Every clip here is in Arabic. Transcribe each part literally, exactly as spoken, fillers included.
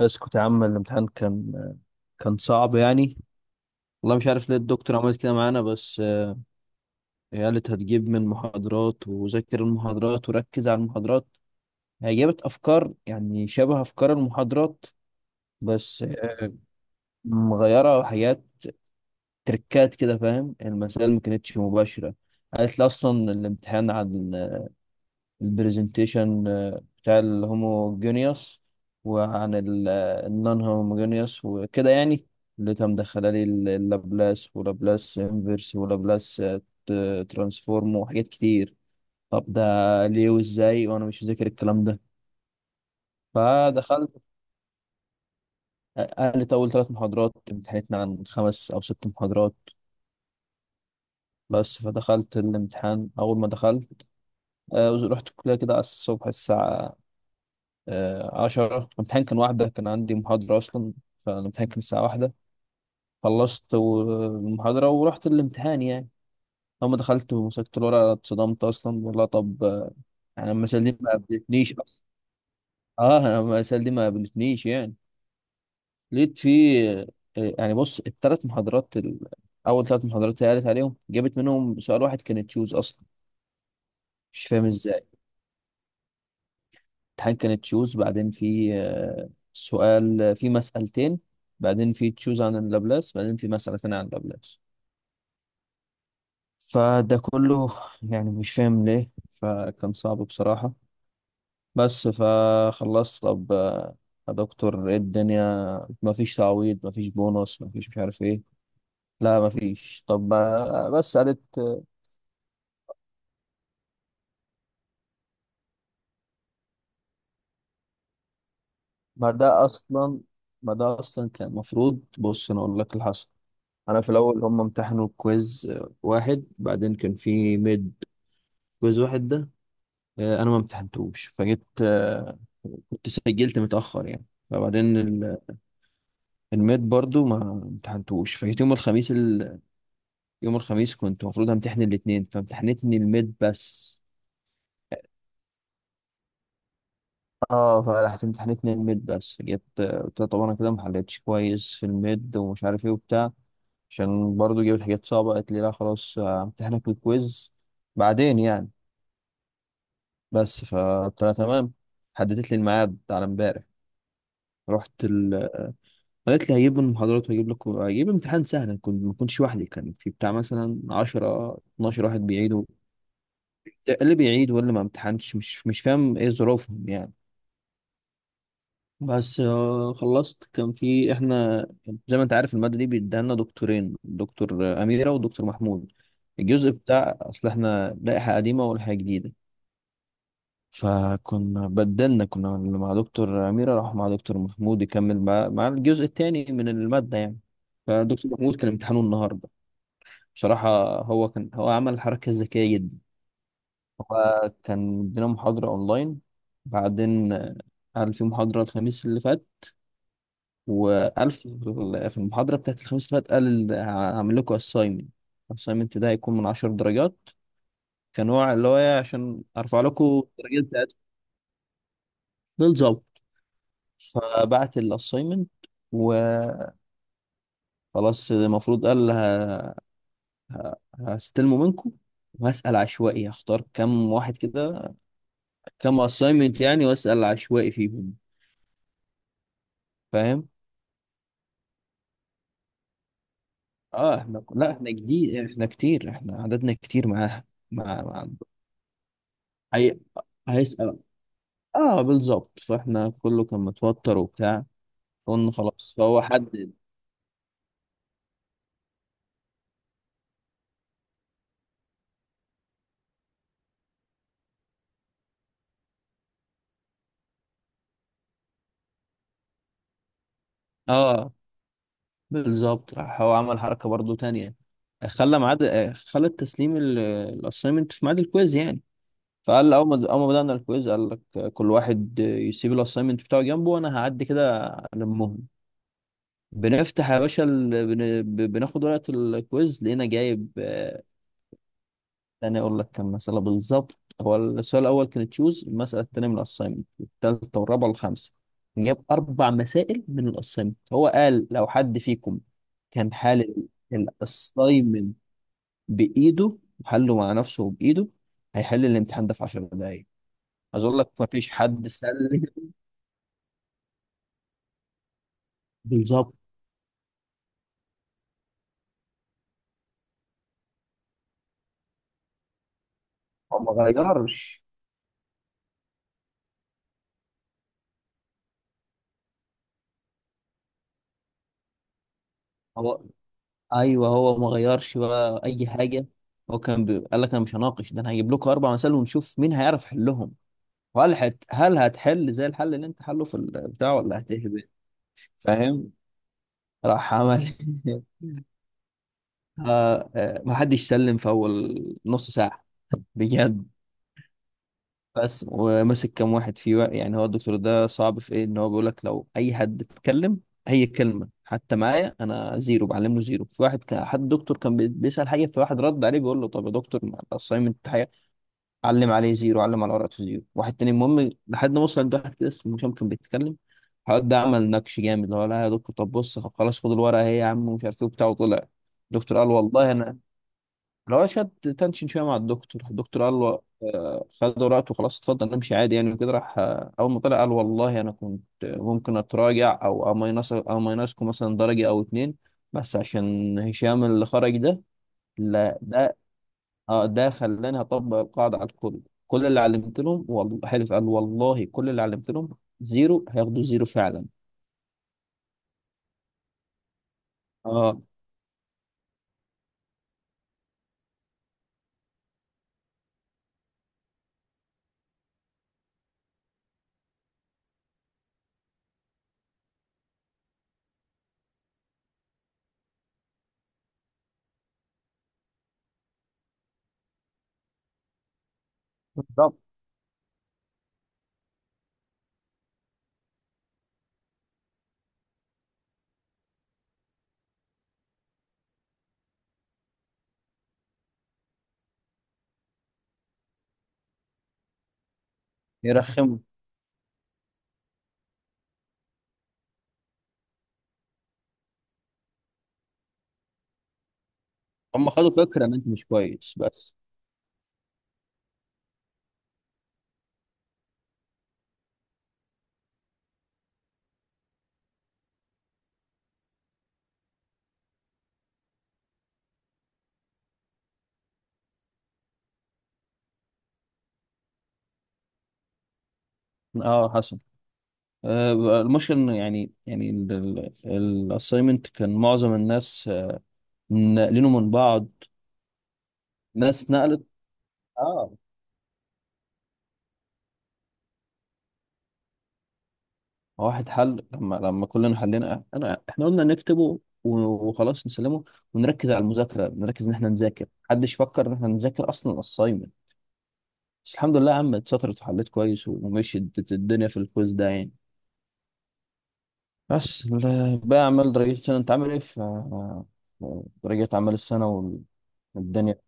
اسكت يا عم. الامتحان كان كان صعب يعني. والله مش عارف ليه الدكتور عملت كده معانا، بس آه، هي قالت هتجيب من محاضرات وذاكر المحاضرات وركز على المحاضرات. هي جابت افكار، يعني شبه افكار المحاضرات بس آه، مغيره حاجات، تركات كده. فاهم؟ المسائل ما كانتش مباشره. قالت لي اصلا الامتحان عن البرزنتيشن آه، بتاع الهوموجينيوس وعن النون هوموجينيوس وكده يعني، اللي كان مدخله لي ال- اللابلاس ولابلاس انفرس ولابلاس آه، ت- ترانسفورم وحاجات كتير. طب ده ليه وازاي وانا مش مذاكر الكلام ده؟ فدخلت. آه، قالت اول ثلاث محاضرات امتحنتنا عن خمس او ست محاضرات. بس فدخلت الامتحان. اول ما دخلت آه، رحت الكليه كده على الصبح الساعه آه، عشرة. الامتحان كان واحدة، كان عندي محاضرة أصلا، فالامتحان كان الساعة واحدة. خلصت و- المحاضرة ورحت الامتحان يعني. أول ما دخلت ومسكت الورقة اتصدمت أصلا، والله. طب آه، أنا المسألة دي ما قابلتنيش أصلا. أه، أنا المسألة دي ما قابلتنيش يعني. لقيت في آه، يعني بص، التلات محاضرات ال... أول تلات محاضرات اللي قالت عليهم جابت منهم سؤال واحد كانت تشوز أصلا. مش فاهم إزاي. امتحان كان تشوز، بعدين في آه، سؤال، في مسألتين، بعدين في تشوز عن اللابلاس، بعدين في مسألتين عن اللابلاس. فده كله يعني مش فاهم ليه، فكان صعب بصراحة. بس فخلصت. طب آه، يا دكتور، ايه الدنيا؟ مفيش تعويض؟ مفيش بونص؟ مفيش؟ مش عارف ايه. لا مفيش. طب آه، بس قالت آه، ما ده اصلا، ما ده اصلا كان المفروض. بص انا اقول لك اللي حصل. انا في الاول هم امتحنوا كويز واحد، بعدين كان في ميد. كويز واحد ده آه، انا ما امتحنتوش، فجيت آه، كنت سجلت متاخر يعني. فبعدين ال- الميد برضو ما امتحنتوش، فجيت يوم الخميس ال... يوم الخميس كنت المفروض امتحن الاثنين، فامتحنتني الميد بس. اه فرحت امتحنتني الميد بس. جيت آه، قلت لها طب انا كده ما حلتش كويس في الميد ومش عارف ايه وبتاع، عشان برضو جبت حاجات صعبه. قالت لي لا خلاص، آه، امتحنك الكويز بعدين يعني. بس فقلت لها تمام. حددت لي الميعاد على امبارح. رحت ال... قالت لي هجيب المحاضرات وهجيب لك، هجيب امتحان سهل. كنت ما كنتش وحدي، كان في بتاع مثلا عشرة اتناشر واحد بيعيدوا، اللي بيعيد واللي ما امتحنش، مش مش فاهم ايه ظروفهم يعني. بس آه، خلصت. كان في احنا، زي ما انت عارف، المادة دي بيديها لنا دكتورين: دكتور آه، أميرة ودكتور محمود. الجزء بتاع، اصل احنا لائحة قديمة ولائحة جديدة، فكنا بدلنا، كنا اللي مع دكتور أميرة راح مع دكتور محمود يكمل مع, مع الجزء الثاني من المادة يعني. فدكتور محمود كان امتحانه النهاردة. بصراحة هو كان، هو عمل حركة ذكية جدا. هو كان ادينا محاضرة أونلاين، بعدين آه، قال في محاضرة الخميس اللي فات. وقال في في المحاضرة بتاعت الخميس اللي فات قال ال- هعمل لكم أسايمنت. الأسايمنت ده هيكون من عشر درجات، كنوع اللي هو إيه، عشان أرفع لكم الدرجات بتاعتكم. بالظبط. فبعت الاساينمنت وخلاص. المفروض قال ه... ه... هستلمه منكم وهسأل عشوائي، هختار كام واحد كده، كام اساينمنت يعني، واسأل عشوائي فيهم. فاهم؟ اه، احنا لا، احنا جديد، احنا كتير، احنا عددنا كتير معاها. مع مع هي... هيسأل. اه بالظبط. فاحنا كله كان متوتر وبتاع. قلنا خلاص. فهو حدد. اه بالظبط. راح هو عمل حركة برضو تانية، خلى ميعاد، آه، خلى تسليم الاساينمنت في ميعاد الكويز يعني. فقال اول ما اول ما بدأنا الكويز قال لك كل واحد يسيب الاساينمنت بتاعه جنبه وانا هعدي كده. المهم، بنفتح يا باشا ال... بن... ب- بناخد ورقة الكويز، لقينا جايب، تاني اقول لك كم مسألة بالظبط: هو السؤال الاول كان تشوز، المسألة التانية من الاساينمنت، التالتة والرابعة والخامسة. جاب اربع مسائل من الاساينمنت. هو قال لو حد فيكم كان حال الاساينمنت بايده وحله مع نفسه بايده هيحل الامتحان ده في 10 دقايق. عايز اقول لك ما فيش حد سأل. بالظبط. هو ما غيرش. هو ايوه، هو ما غيرش بقى اي حاجة. هو كان بي... قال لك انا مش هناقش ده، انا هجيب لكم اربع مسائل ونشوف مين هيعرف يحلهم، وهل هت... هل هتحل زي الحل اللي انت حله في البتاع ولا هتهبط. فاهم؟ راح عمل آه، آه، ما حدش سلم في اول نص ساعه، بجد. بس ومسك كام واحد فيه بقى. يعني هو الدكتور ده صعب في ايه؟ ان هو بيقول لك لو اي حد اتكلم اي كلمه حتى معايا انا زيرو، بعلمه زيرو. في واحد كان، حد دكتور كان بي- بيسال حاجه، في واحد رد عليه بيقول له طب يا دكتور ما الاساينمنت. علم عليه زيرو، علم على ورقته زيرو. واحد تاني. المهم لحد ما وصل عند واحد كده اسمه هشام كان بيتكلم. الواد ده عمل نكش جامد، اللي هو لا يا دكتور، طب بص، طب خلاص خد الورقه اهي يا عم، ومش عارف ايه وبتاع، وطلع. الدكتور قال والله انا، اللي هو شد تنشن شويه مع الدكتور. الدكتور قال له آه، خد ورقته خلاص، اتفضل امشي عادي يعني. وكده راح. آه، اول ما طلع قال والله انا كنت ممكن اتراجع او امينص، امينصكم مثلا درجه او اتنين، بس عشان هشام اللي خرج ده. لا ده، اه ده خلاني هطبق القاعده على الكل. كل اللي علمت لهم، والله حلف، قال والله كل اللي علمت لهم زيرو هياخدوا زيرو فعلا. اه بالظبط. يرخموا. هم خدوا فكره ان انت مش كويس، بس. اه حسن. آه المشكله انه يعني يعني الاساينمنت كان معظم الناس آه، ناقلينه من بعض. ناس نقلت. اه واحد حل. لما لما كلنا حلينا انا، احنا قلنا نكتبه وخلاص نسلمه ونركز على المذاكره، نركز ان احنا نذاكر. محدش فكر ان احنا نذاكر اصلا الاساينمنت. بس الحمد لله يا عم اتسطرت وحليت كويس ومشيت الدنيا في الكويز ده يعني. بس ال- بقى اعمال، رجعت السنه. انت عامل ايه في رجعت اعمال السنه والدنيا؟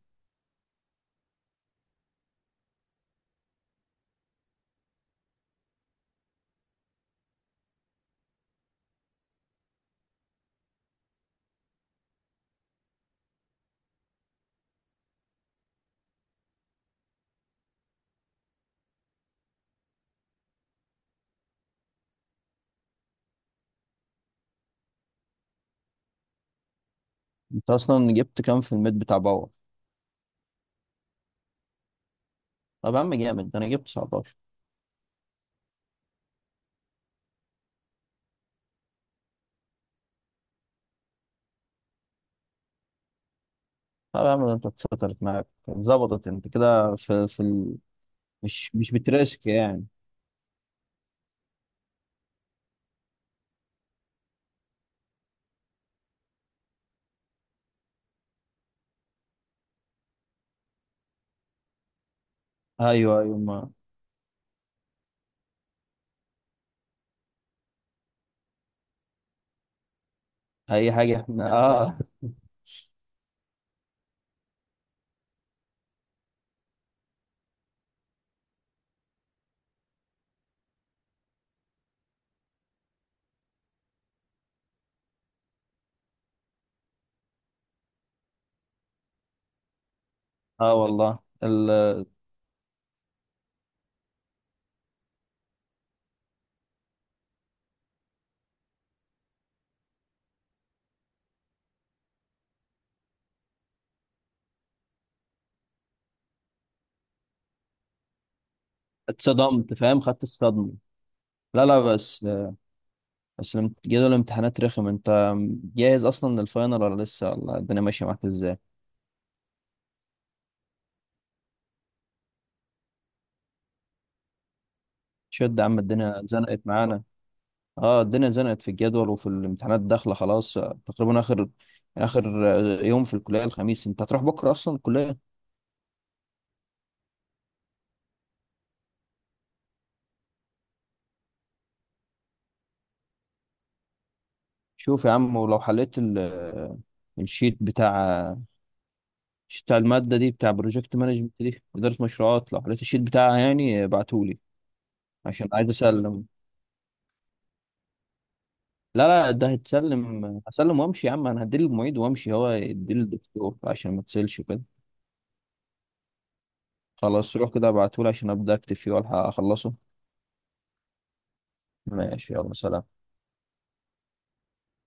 انت اصلا جبت كام في الميد بتاع باور؟ طب يا عم جامد ده، انا جبت تسعتاشر. طب يا عم ده انت اتسطرت معاك، اتظبطت انت كده في في ال... مش مش بتراسك يعني. ايوه ايوه ما، اي حاجه احنا اه. اه والله ال... اتصدمت، فاهم، خدت الصدمه. لا لا، بس بس لما جدول الامتحانات رخم، انت جاهز اصلا للفاينل ولا لسه؟ ولا الدنيا ماشيه معاك ازاي؟ شد يا عم، الدنيا زنقت معانا. اه الدنيا زنقت في الجدول وفي الامتحانات، داخله خلاص تقريبا. اخر اخر يوم في الكليه الخميس. انت هتروح بكره اصلا الكليه؟ شوف يا عم، ولو حليت ال... الشيت بتاع، مش بتاع المادة دي، بتاع بروجكت مانجمنت دي، إدارة مشروعات، لو حضرتك الشيت بتاعها يعني ابعتهولي عشان عايز أسلم. لا لا ده هتسلم، هسلم وامشي يا عم. انا هديه للمعيد وامشي، هو يديه للدكتور عشان ما تسلش وكده. خلاص روح كده، ابعتهولي عشان ابدا اكتب فيه والحق اخلصه. ماشي، يلا سلام.